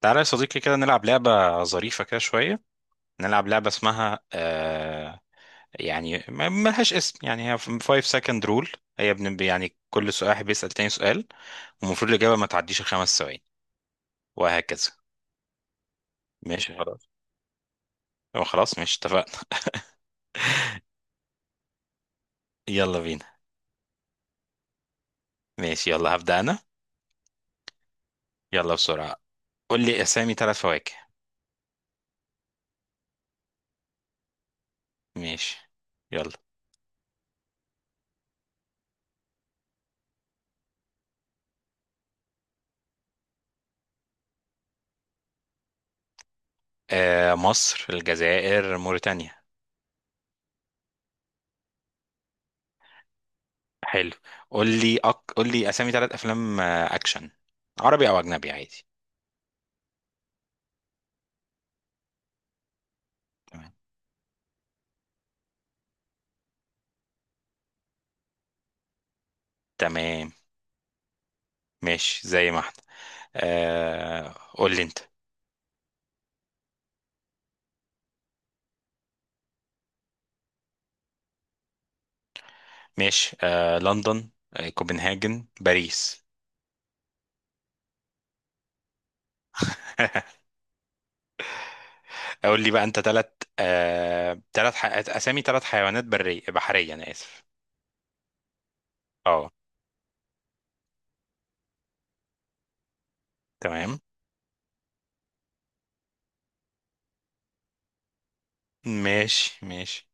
تعالى يا صديقي كده نلعب لعبة ظريفة كده شوية. نلعب لعبة اسمها ملهاش اسم يعني هي 5 second rule. يعني كل سؤال، واحد بيسأل تاني سؤال، والمفروض الإجابة ما تعديش الخمس ثواني وهكذا. ماشي خلاص. أه، خلاص ماشي اتفقنا. يلا بينا. ماشي يلا هبدأ أنا. يلا بسرعة، قول لي أسامي ثلاث فواكه. ماشي يلا. آه، مصر، الجزائر، موريتانيا. حلو. قول لي أسامي ثلاث أفلام أكشن، عربي أو أجنبي عادي. تمام. تمام ماشي زي ما احنا. آه قول لي انت. ماشي، آه لندن، آه كوبنهاجن، باريس. قول لي بقى انت ثلاث، اسامي ثلاث حيوانات برية، بحرية انا اسف. اه. تمام. ماشي ماشي.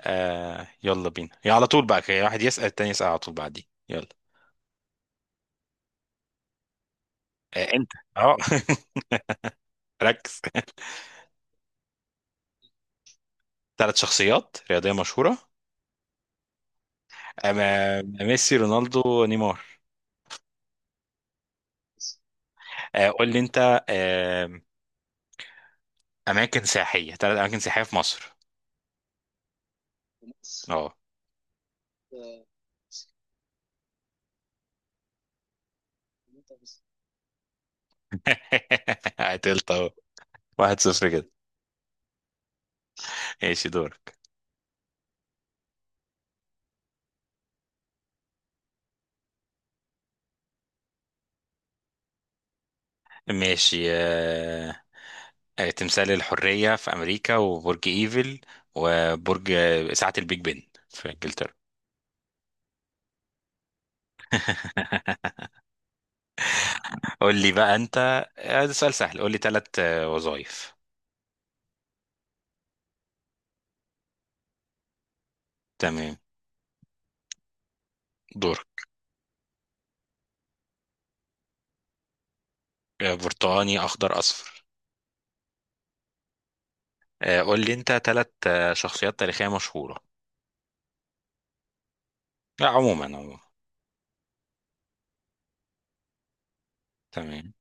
آه يلا بينا يا على طول بقى كده، واحد يسأل التاني، يسأل على طول بعدين. يلا. آه انت. اه. ركز. ثلاث شخصيات رياضية مشهورة. أما ميسي، رونالدو، نيمار. آه قول لي انت. اماكن سياحيه، ثلاث اماكن سياحيه في مصر. اه. قتلت اهو، واحد صفر كده. ماشي دور. ماشي تمثال الحريه في امريكا، وبرج ايفل، وبرج ساعه البيج بن في انجلترا. قول لي بقى انت. ده سؤال سهل، قول لي ثلاث وظائف. تمام. دورك. برتقاني، اخضر، اصفر. قول لي انت ثلاث شخصيات تاريخيه مشهوره. لا عموما عموما. تمام.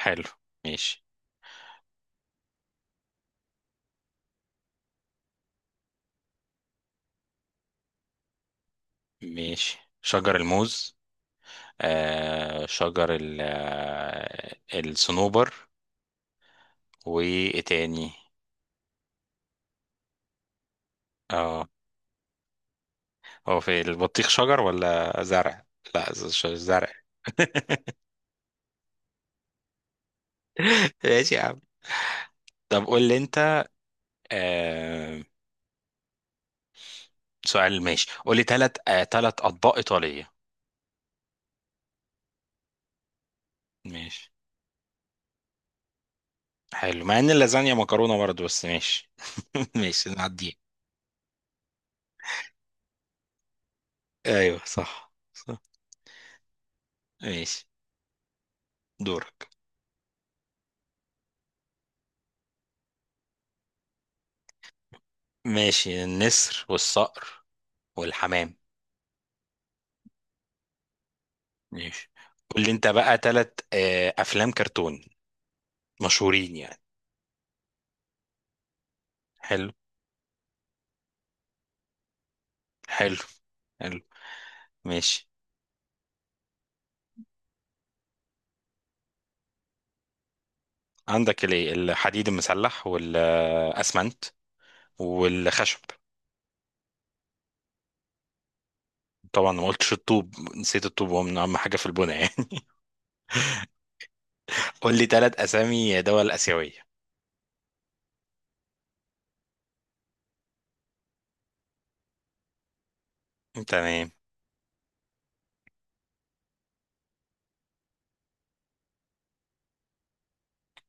حلو. ماشي. ماشي شجر الموز، آه شجر ال آه، الصنوبر، وايه تاني. اه. هو في البطيخ شجر ولا زرع؟ لا ز- ش- زرع. ماشي يا عم. طب قول لي انت. آه سؤال، ماشي قول لي ثلاث، اطباق ايطالية. ماشي. حلو، مع ان اللازانيا مكرونة برضه بس ماشي. ماشي نعديه. ايوه صح. ماشي دورك. ماشي النسر والصقر والحمام. ماشي قول لي انت بقى تلات افلام كرتون مشهورين يعني. حلو. حلو. حلو. ماشي. عندك الايه الحديد المسلح والاسمنت والخشب. طبعا ما قلتش الطوب، نسيت الطوب، هو من اهم حاجه في البناء يعني. قول لي تلات اسامي دول اسيويه. تمام.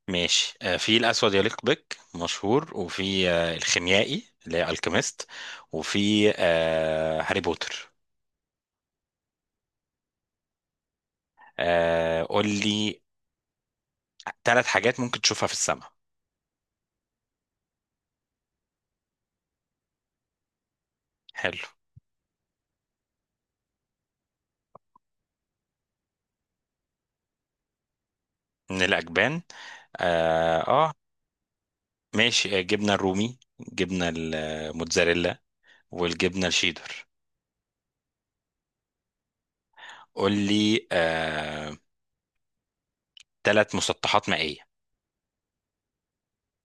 ماشي، في الاسود يليق بك مشهور، وفي الخيميائي اللي هي الكيميست، وفي هاري بوتر. قول لي ثلاث حاجات ممكن تشوفها في السماء. حلو. من الأجبان. آه, آه ماشي جبنة الرومي، جبنة الموتزاريلا، والجبنة الشيدر. قول لي ثلاث مسطحات مائية،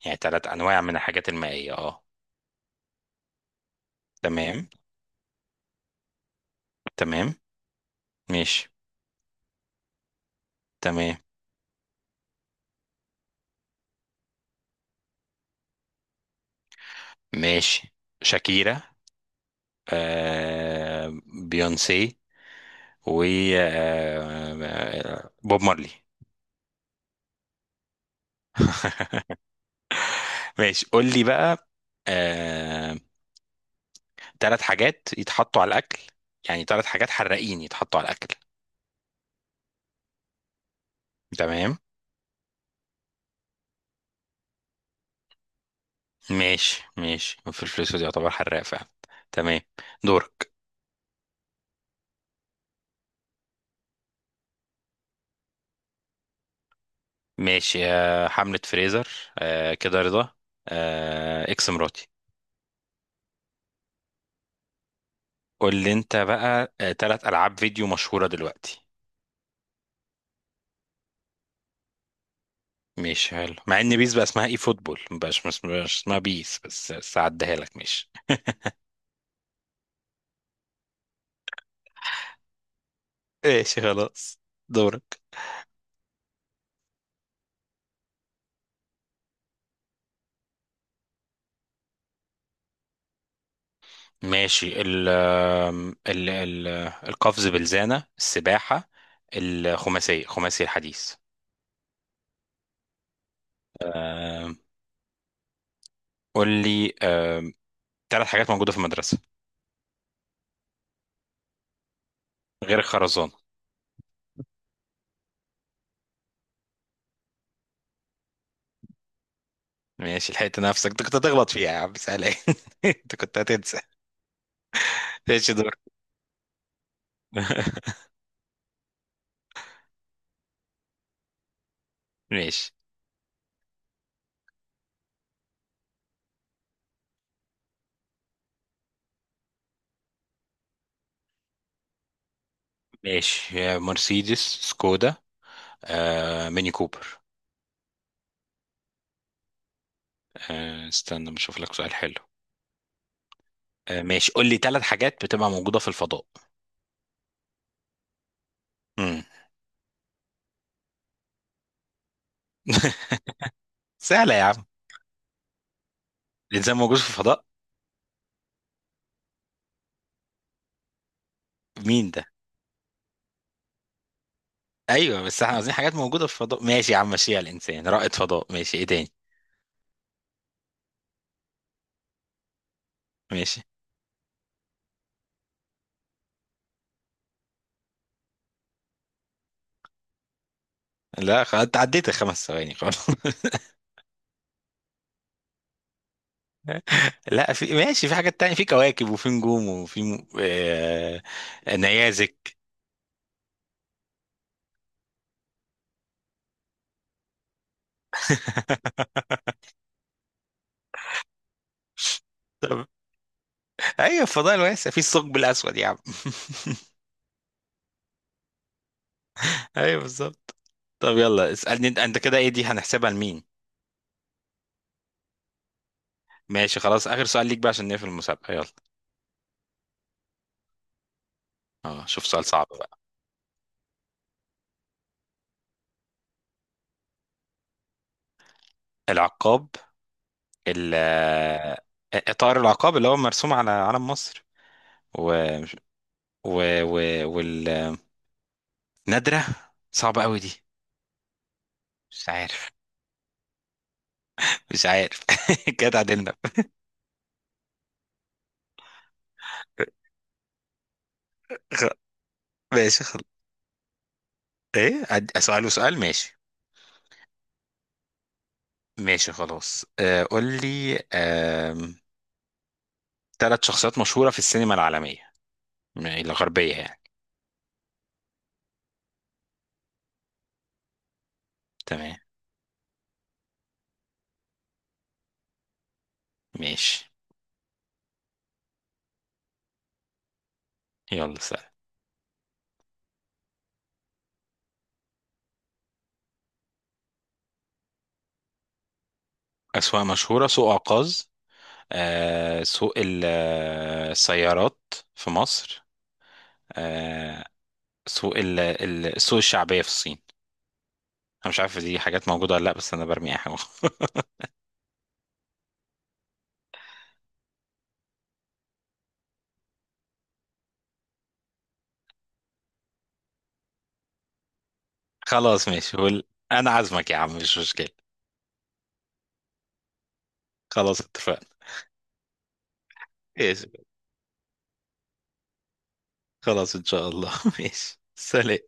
يعني ثلاث أنواع من الحاجات المائية تمام. تمام. ماشي. تمام. ماشي. شاكيرا. آه. بيونسي. و بوب مارلي. ماشي. قول لي بقى آه، ثلاث حاجات يتحطوا على الاكل، يعني ثلاث حاجات حراقين يتحطوا على الاكل. تمام. ماشي في الفلوس دي يعتبر حراق فعلا. تمام. دورك. ماشي، حملة فريزر، كده رضا، اكس مراتي. قول لي انت بقى ثلاث العاب فيديو مشهورة دلوقتي. ماشي، حلو، مع ان بيس بقى اسمها اي فوتبول مبقاش، مش اسمها بيس، بس هعديها لك ماشي. ماشي خلاص. دورك. ماشي، ال القفز بالزانة، السباحة، الخماسية، خماسي الحديث. أم، قول لي ثلاث حاجات موجودة في المدرسة غير الخرزانة. ماشي، لحقت نفسك، انت كنت هتغلط فيها يا عم، سهلة. ايه انت كنت هتنسى. ماشي دور. ماشي. ماشي يا مرسيدس، سكودا، ميني كوبر. استنى بشوف لك سؤال حلو. ماشي قول لي ثلاث حاجات بتبقى موجودة في الفضاء. مم. سهلة يا عم. الإنسان موجود في الفضاء؟ مين ده؟ ايوه بس احنا عايزين حاجات موجوده في الفضاء، ماشي يا عم، ماشي على الانسان رائد فضاء، ماشي، ايه تاني؟ ماشي. لا خلاص، انت عديت الخمس ثواني خلاص. لا في ماشي، في حاجات تانية، في كواكب، وفي نجوم، وفي نيازك. طب، ايوه الفضاء الواسع في الثقب الاسود يا عم. ايوه بالظبط. طب يلا اسالني انت، انت كده، ايه دي، هنحسبها لمين؟ ماشي خلاص، اخر سؤال ليك بقى عشان نقفل المسابقه، يلا. اه، شوف سؤال صعب بقى. العقاب، ال آه، طائر العقاب اللي هو مرسوم على علم مصر، و، و... و... والنادرة صعبة قوي دي. مش عارف. مش عارف. كده اتعادلنا. خ- ماشي خلاص. ايه اسأله سؤال، ماشي. ماشي خلاص، آه قول لي ثلاث شخصيات مشهورة في السينما العالمية، الغربية يعني. تمام. ماشي. يلا سأل. أسواق مشهورة، سوق عكاظ، آه سوق السيارات في مصر، آه. سوق السوق الشعبية في الصين. أنا مش عارف دي حاجات موجودة ولا لأ، بس أنا برمي أي حاجة. خلاص ماشي هو. انا عازمك يا عم، مش مشكلة. خلاص اتفقنا. ماشي، خلاص ان شاء الله. ماشي، سلام.